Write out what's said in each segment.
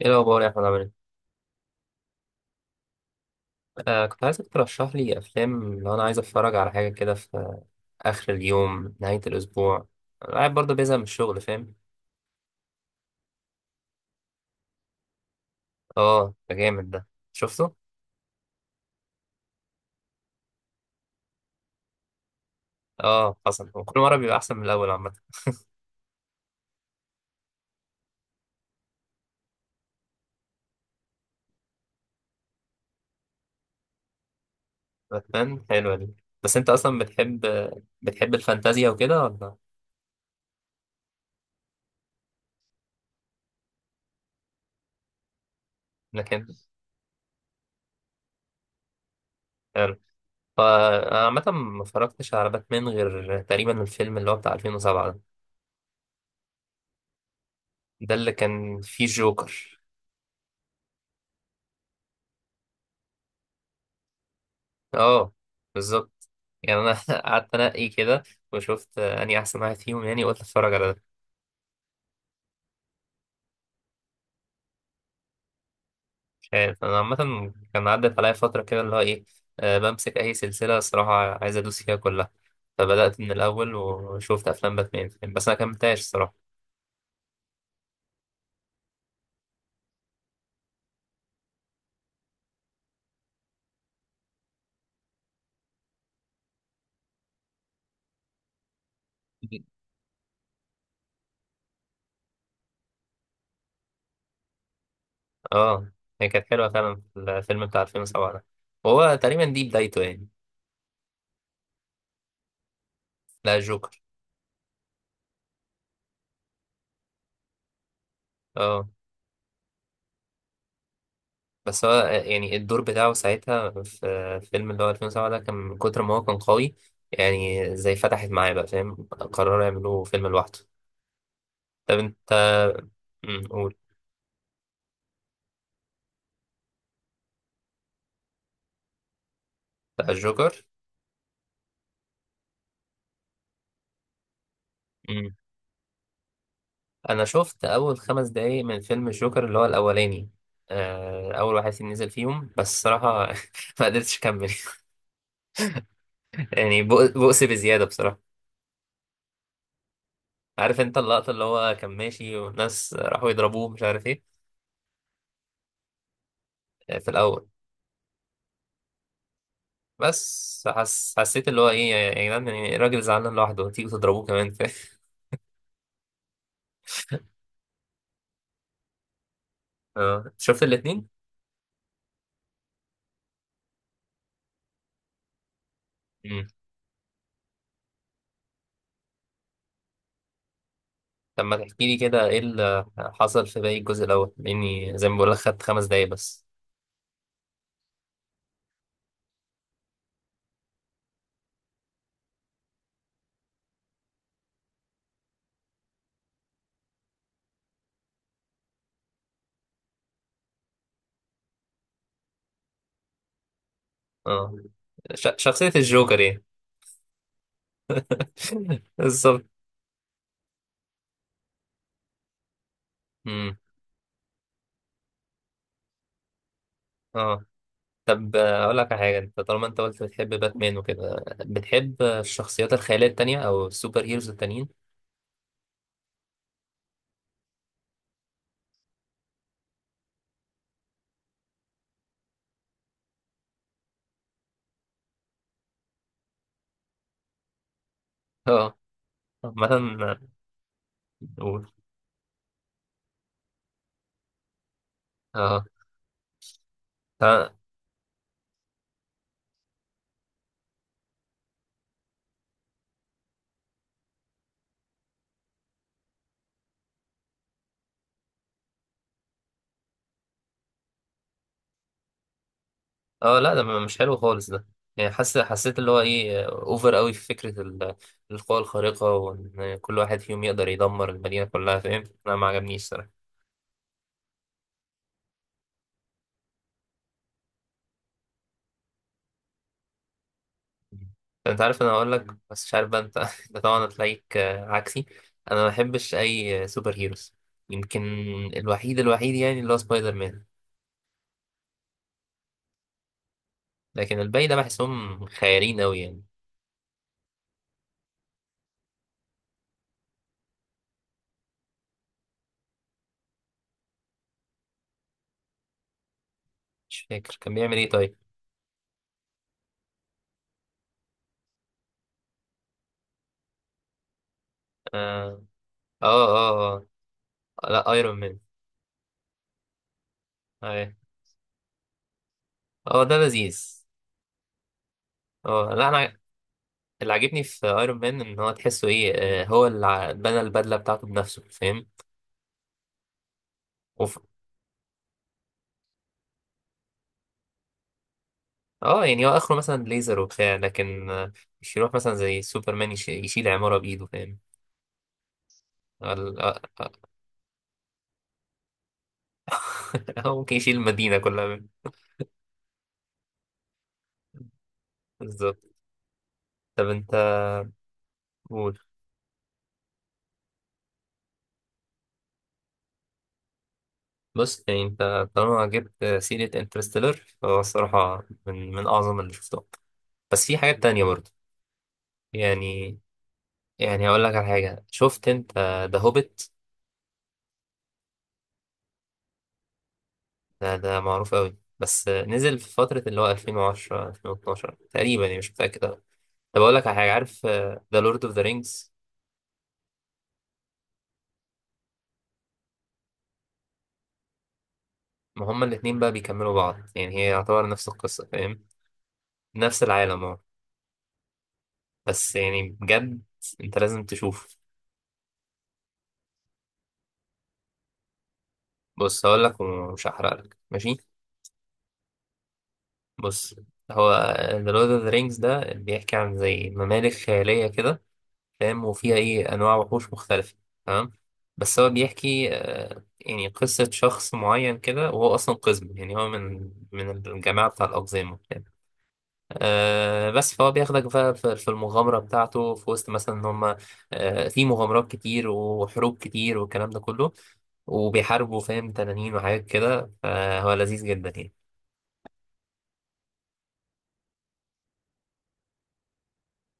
ايه الاخبار يا احمد، عامل ايه؟ كنت عايزك ترشح لي افلام لو انا عايز اتفرج على حاجه كده في اخر اليوم، نهايه الاسبوع. أنا قاعد برضه بيزهق من الشغل، فاهم؟ اه، ده جامد ده، شفته؟ اه، حصل. وكل مره بيبقى احسن من الاول عامه. باتمان حلوه دي. بس انت اصلا بتحب الفانتازيا وكده ولا؟ لكن. حلو. فانا عامه ما اتفرجتش على باتمان غير تقريبا الفيلم اللي هو بتاع 2007 ده. ده اللي كان فيه جوكر. اه، بالظبط. يعني انا قعدت انقي كده، وشفت اني احسن واحد فيهم، يعني قلت اتفرج على ده. مش عارف، انا عامه كان عدت عليا فتره كده اللي هو ايه، بمسك اي سلسله الصراحه، عايز ادوس فيها كلها. فبدات من الاول وشفت افلام باتمان يعني، بس انا كملتهاش الصراحه. اه، هي كانت حلوه فعلا الفيلم بتاع 2007 ده، وهو تقريبا دي بدايته يعني. لا، جوكر. اه، بس هو يعني الدور بتاعه ساعتها في فيلم اللي هو 2007 ده كان من كتر ما هو كان قوي، يعني زي فتحت معايا بقى فاهم، قرروا يعملوا فيلم لوحده. طب انت، قول. بقى الجوكر. أمم. انا شفت اول 5 دقايق من فيلم الجوكر اللي هو الاولاني، اول واحد فيهم نزل فيهم بس الصراحه. ما قدرتش اكمل. يعني بؤس بزياده بصراحه. عارف انت اللقطه اللي هو كان ماشي والناس راحوا يضربوه، مش عارف ايه؟ آه، في الاول. بس حسيت اللي هو ايه، يا جدعان يعني، الراجل زعلان لوحده تيجوا تضربوه كمان، فاهم؟ اه شفت الاتنين؟ مم. طب ما تحكي لي كده ايه اللي حصل في باقي الجزء الاول، لاني زي ما بقول لك خدت 5 دقايق بس. اه، شخصية الجوكر يعني. بالظبط. مم. اه. طب، اقول لك على حاجة. انت طالما انت قلت بتحب باتمان وكده، بتحب الشخصيات الخيالية التانية او السوبر هيروز التانيين؟ اه، عامة. آه. قول. اه، اه. لا، ده مش حلو خالص ده. يعني حاسس حسيت اللي هو ايه، اوفر قوي في فكرة القوى الخارقة، وان كل واحد فيهم يقدر يدمر المدينة كلها، فاهم؟ انا ما عجبنيش صراحة. انت عارف، انا هقول لك بس مش عارف بقى انت انت طبعا هتلاقيك عكسي. انا ما بحبش اي سوبر هيروز. يمكن الوحيد الوحيد يعني اللي هو سبايدر مان. لكن الباقي ده بحسهم خيالين قوي يعني. مش فاكر كان بيعمل ايه طيب. اه، اه، اه. لا، ايرون مان. اه. ده لذيذ. اه. لا انا. اللي عاجبني في ايرون مان ان هو تحسه ايه، هو اللي بنى البدله بتاعته بنفسه، فاهم؟ وف... اه، يعني هو اخره مثلا ليزر وبتاع، لكن مش يروح مثلا زي سوبرمان يشيل عماره بايده، فاهم؟ ال- آه، آه، هو ممكن يشيل المدينه كلها. بالظبط. طب انت، قول. بص يعني انت طالما جبت سيره انترستيلر فهو الصراحه من اعظم اللي شفتهم. بس في حاجات تانية برضه يعني. يعني هقول لك على حاجه، شفت انت ذا هوبيت؟ ده معروف قوي، بس نزل في فترة اللي هو 2010 2012 تقريبا يعني، مش متأكد أوي. طب أقول لك على حاجة، عارف ذا لورد اوف ذا رينجز؟ ما هما الاتنين بقى بيكملوا بعض يعني، هي يعتبر نفس القصة فاهم. نفس العالم، اه. بس يعني بجد أنت لازم تشوف. بص هقول لك ومش هحرق لك، ماشي؟ بص، هو ذا لورد اوف ذا رينجز ده بيحكي عن زي ممالك خيالية كده فاهم، وفيها ايه انواع وحوش مختلفه، تمام. بس هو بيحكي يعني قصه شخص معين كده، وهو اصلا قزم، يعني هو من الجماعه بتاع الاقزام وبتاع. بس فهو بياخدك بقى في المغامره بتاعته، في وسط مثلا ان هم في مغامرات كتير وحروب كتير والكلام ده كله، وبيحاربوا فاهم تنانين وحاجات كده، فهو لذيذ جدا يعني.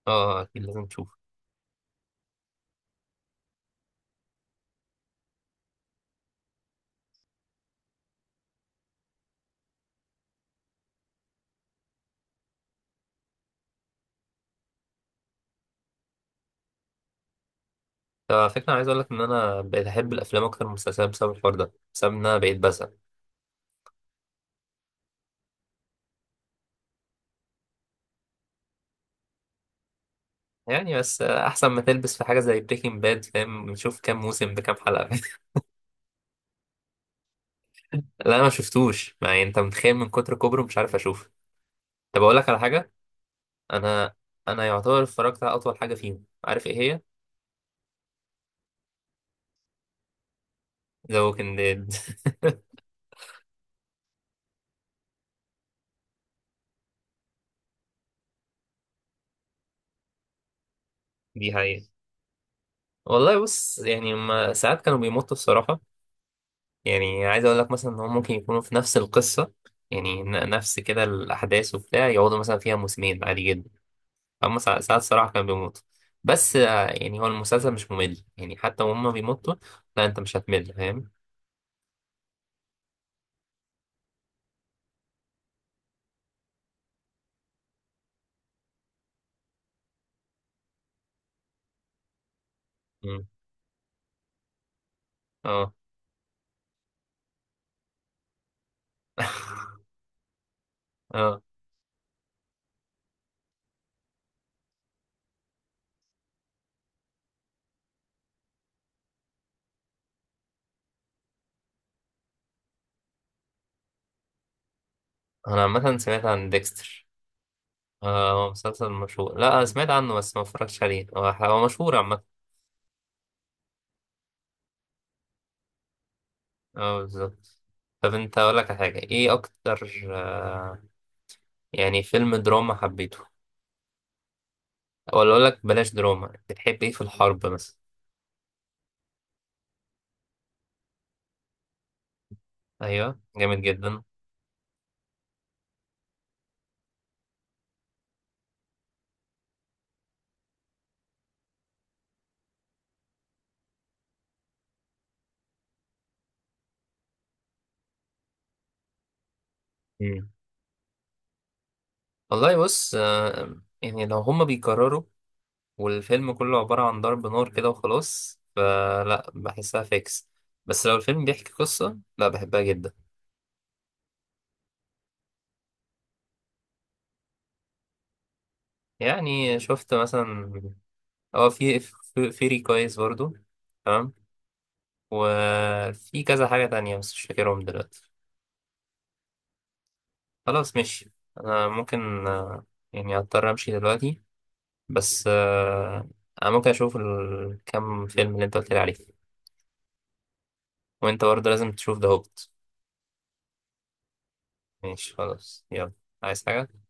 اه، اكيد لازم تشوفه. ففكرة عايز اقول لك ان انا بقيت احب الافلام اكتر من المسلسلات بسبب الحوار ده، بسبب ان انا بقيت بزهق. يعني بس احسن ما تلبس في حاجه زي بريكنج باد فاهم، نشوف كام موسم بكام حلقه. لا انا ما شفتوش، ما يعني انت متخيل من كتر كبره مش عارف اشوف. طب اقول لك على حاجه. انا انا يعتبر اتفرجت على اطول حاجه فيهم، عارف ايه هي؟ ذا ووكينج ديد. دي حقيقة. والله بص يعني ما ساعات كانوا بيمطوا الصراحه. يعني عايز اقول لك مثلا ان هم ممكن يكونوا في نفس القصه، يعني نفس كده الاحداث وبتاع، يقعدوا مثلا فيها موسمين عادي جدا. اما ساعات الصراحه كان بيموت. بس يعني هو المسلسل مش ممل يعني، حتى وهم بيموتوا. لا، انت مش هتمل فاهم. مم. اه. اه. انا عامه سمعت عن ديكستر. آه، هو مسلسل مشهور. لا أنا سمعت عنه بس ما اتفرجتش عليه. هو هو مشهور عامه. اه، بالظبط. طب انت، اقول لك على حاجه، ايه اكتر يعني فيلم دراما حبيته؟ ولا اقول لك بلاش دراما، بتحب ايه في الحرب مثلا؟ ايوه، جامد جدا. مم. والله بص يعني لو هما بيكرروا والفيلم كله عبارة عن ضرب نار كده وخلاص، فلا بحسها فيكس. بس لو الفيلم بيحكي قصة لا بحبها جدا. يعني شفت مثلا. اه، في فيري كويس برضو، تمام. وفي كذا حاجة تانية بس مش فاكرهم دلوقتي. خلاص، ماشي. أنا ممكن، يعني أضطر أمشي دلوقتي. بس أنا ممكن أشوف الكام فيلم اللي أنت قلت لي عليه. وأنت برضه لازم تشوف ده هوبت. ماشي خلاص يلا. عايز حاجة؟